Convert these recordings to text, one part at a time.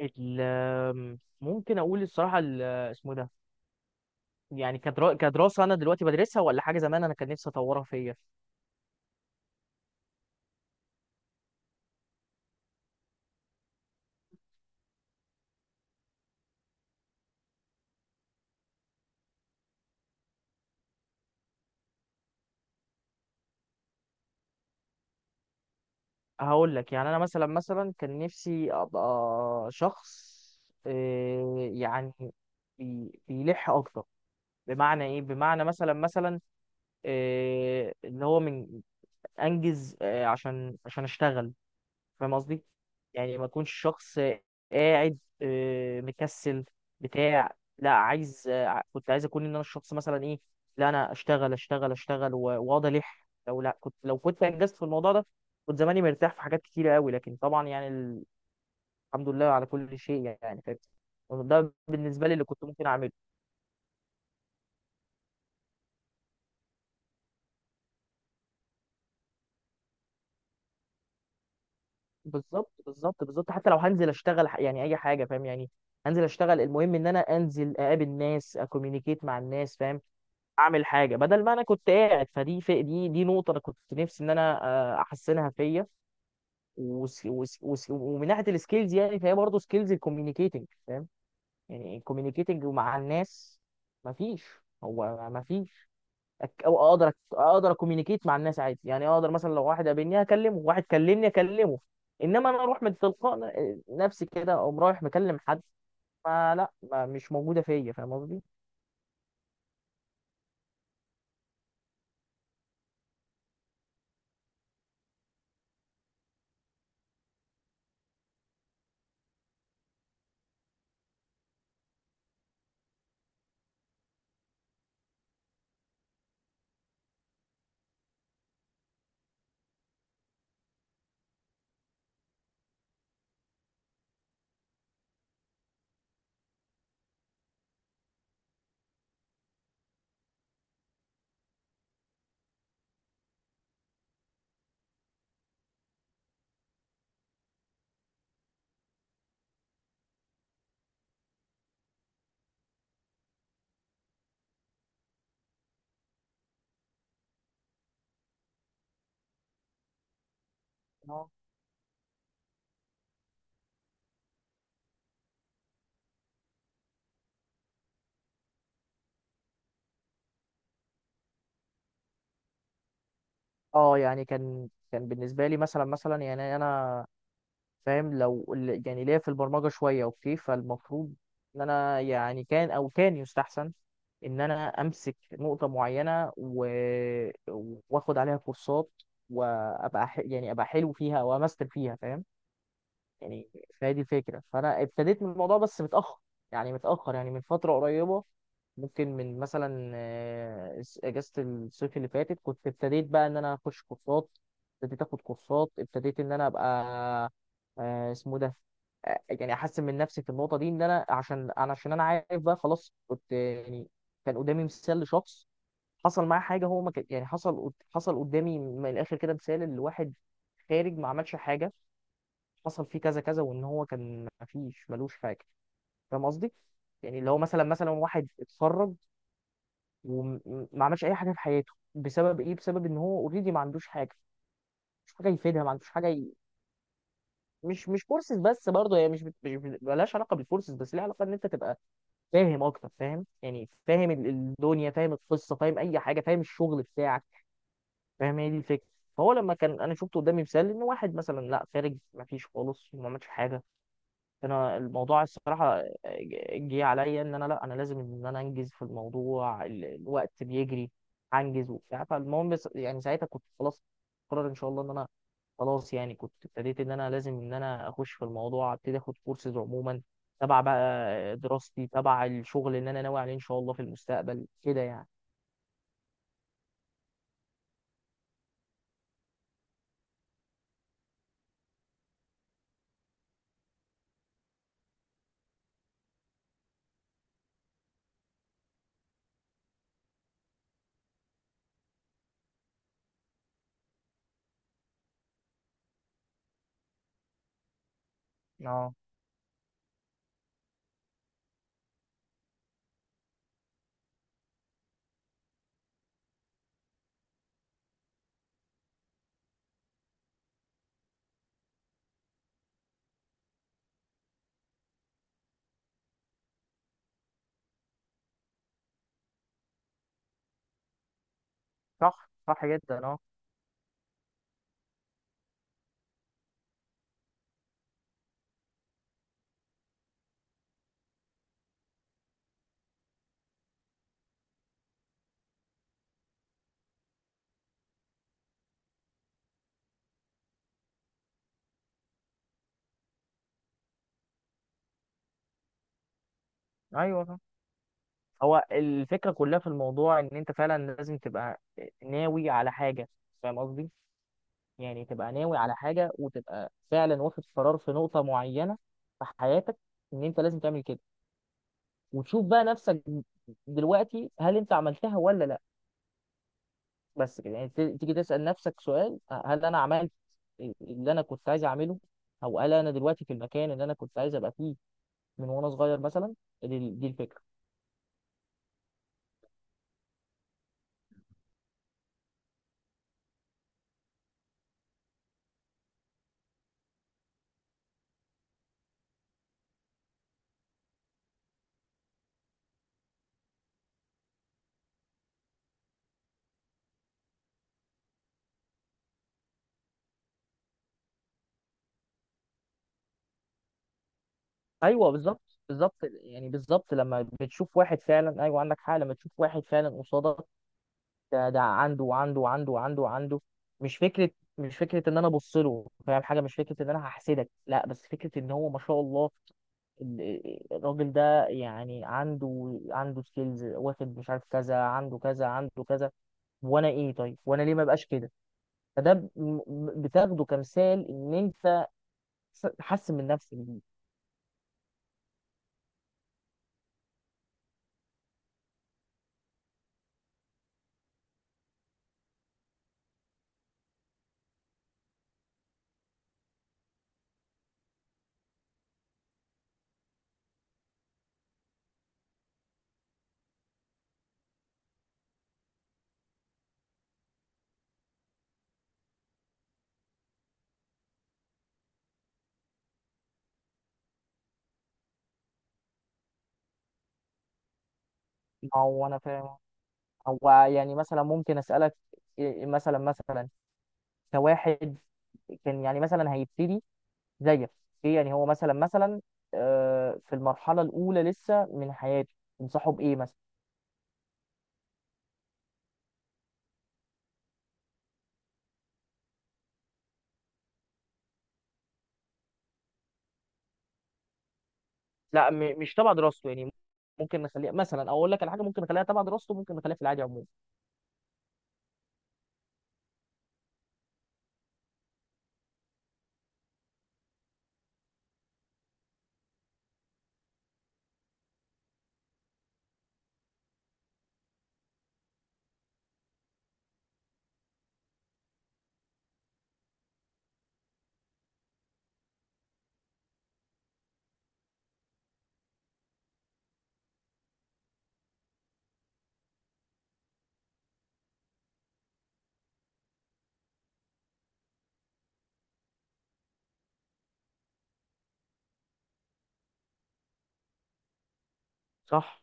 ممكن اقول الصراحه اسمه ده. يعني كدراسه انا دلوقتي بدرسها ولا حاجه زمان انا كان نفسي اطورها فيا. هقول لك، يعني انا مثلا كان نفسي ابقى شخص، يعني بيلح اكتر. بمعنى ايه؟ بمعنى مثلا اللي هو من انجز، عشان اشتغل، فاهم قصدي؟ يعني ما اكونش شخص قاعد، مكسل، بتاع لا عايز. كنت عايز اكون ان انا الشخص مثلا ايه؟ لا انا اشتغل واقعد الح لو لا كنت، لو كنت انجزت في الموضوع ده، كنت زماني مرتاح في حاجات كتيره قوي. لكن طبعا يعني الحمد لله على كل شيء، يعني فاهم. ده بالنسبه لي اللي كنت ممكن اعمله. بالظبط بالظبط بالظبط. حتى لو هنزل اشتغل، يعني اي حاجه، فاهم يعني؟ هنزل اشتغل، المهم ان انا انزل اقابل ناس، اكوميونيكيت مع الناس، فاهم؟ اعمل حاجه بدل ما انا كنت قاعد. فدي في دي نقطه انا كنت نفسي ان انا احسنها فيا. وس وس وس ومن ناحيه السكيلز، يعني فهي برضه سكيلز الكوميونيكيتنج، فاهم؟ يعني الكوميونيكيتنج مع الناس مفيش، مفيش أو اقدر. اكوميونيكيت مع الناس عادي، يعني اقدر مثلا لو واحد قابلني اكلمه، واحد كلمني اكلمه، انما انا اروح من تلقاء نفسي كده اقوم رايح مكلم حد، ما لا ما مش موجوده فيا، فاهم قصدي؟ اه يعني كان بالنسبه لي مثلا، يعني انا فاهم لو يعني ليا في البرمجه شويه، اوكي، فالمفروض ان انا يعني كان، او كان يستحسن ان انا امسك نقطه معينه واخد عليها كورسات، وابقى يعني ابقى حلو فيها او امستر فيها، فاهم يعني؟ فهي دي الفكرة. فأنا ابتديت من الموضوع بس متأخر، يعني متأخر، يعني من فترة قريبة. ممكن من مثلا أجازة الصيف اللي فاتت كنت ابتديت بقى إن أنا أخش كورسات. ابتديت آخد كورسات، ابتديت إن أنا أبقى اسمه ده، يعني أحسن من نفسي في النقطة دي. إن أنا عشان أنا عارف بقى، خلاص كنت يعني كان قدامي مثال لشخص حصل معاه حاجة. هو ما كان يعني حصل قدامي من الآخر كده مثال لواحد خارج ما عملش حاجة. حصل فيه كذا كذا، وان هو كان مفيش ملوش حاجه، فاهم قصدي؟ يعني اللي هو مثلا واحد اتخرج وما عملش اي حاجه في حياته. بسبب ايه؟ بسبب ان هو اوريدي ما عندوش حاجه، مش حاجه يفيدها، ما عندوش حاجه. مش كورسز بس، برضه هي مش بت... مش بت- ملهاش علاقه بالكورسز بس، ليها علاقه ان انت تبقى فاهم اكتر، فاهم يعني، فاهم الدنيا، فاهم القصه، فاهم اي حاجه، فاهم الشغل بتاعك، فاهم. هي دي الفكره. فهو لما كان انا شفت قدامي مثال ان واحد مثلا لا خارج ما فيش خالص وما عملش حاجه، انا الموضوع الصراحه جه عليا ان انا، لا انا لازم ان انا انجز في الموضوع، الوقت بيجري، هنجز وبتاع. فالمهم يعني ساعتها كنت خلاص قرر ان شاء الله ان انا خلاص، يعني كنت ابتديت ان انا لازم ان انا اخش في الموضوع، ابتدي اخد كورسز عموما تبع بقى دراستي، تبع الشغل اللي انا ناوي عليه ان شاء الله في المستقبل كده يعني. اه صح، صح جدا، اه. ايوه صح، هو الفكره كلها في الموضوع ان انت فعلا لازم تبقى ناوي على حاجه، فاهم قصدي؟ يعني تبقى ناوي على حاجة، وتبقى فعلا واخد قرار في نقطة معينة في حياتك إن أنت لازم تعمل كده، وتشوف بقى نفسك دلوقتي هل أنت عملتها ولا لا. بس كده يعني تيجي تسأل نفسك سؤال، هل أنا عملت اللي أنا كنت عايز أعمله؟ أو هل أنا دلوقتي في المكان اللي أنا كنت عايز أبقى فيه من وأنا صغير مثلا؟ دي الفكرة. أيوه بالظبط، بالظبط يعني، بالظبط. لما بتشوف واحد فعلا، أيوه عندك حق، لما تشوف واحد فعلا قصادك ده عنده وعنده وعنده وعنده وعنده، مش فكره، مش فكره ان انا ابص له فاهم حاجه، مش فكره ان انا هحسدك، لا، بس فكره ان هو ما شاء الله الراجل ده يعني عنده سكيلز واخد مش عارف كذا، عنده كذا، عنده كذا، وانا ايه؟ طيب وانا ليه ما بقاش كده؟ فده بتاخده كمثال ان انت تحسن من نفسك بيه. او انا فاهم، او يعني مثلا ممكن اسالك مثلا، كواحد كان يعني مثلا هيبتدي زيك، ايه؟ يعني هو مثلا في المرحله الاولى لسه من حياته، تنصحه بايه مثلا؟ لا مش تبع دراسته يعني. ممكن نخليها مثلا، او اقول لك على حاجه، ممكن نخليها تبع دراسته، ممكن نخليها في العادي عموما. صح،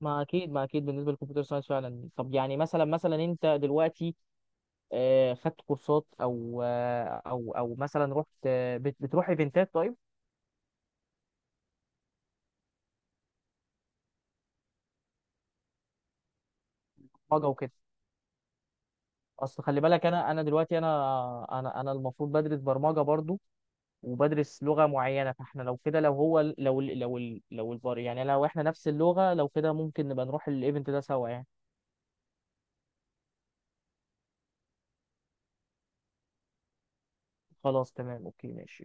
ما اكيد، بالنسبه للكمبيوتر ساينس فعلا. طب يعني مثلا انت دلوقتي خدت كورسات او مثلا رحت، بتروح ايفنتات، طيب؟ برمجه وكده. اصل خلي بالك انا، انا دلوقتي انا انا انا المفروض بدرس برمجه برضو، وبدرس لغة معينة، فاحنا لو كده، لو هو، لو لو الفار يعني لو احنا نفس اللغة، لو كده ممكن نبقى نروح الايفنت ده سوا يعني. خلاص تمام اوكي ماشي.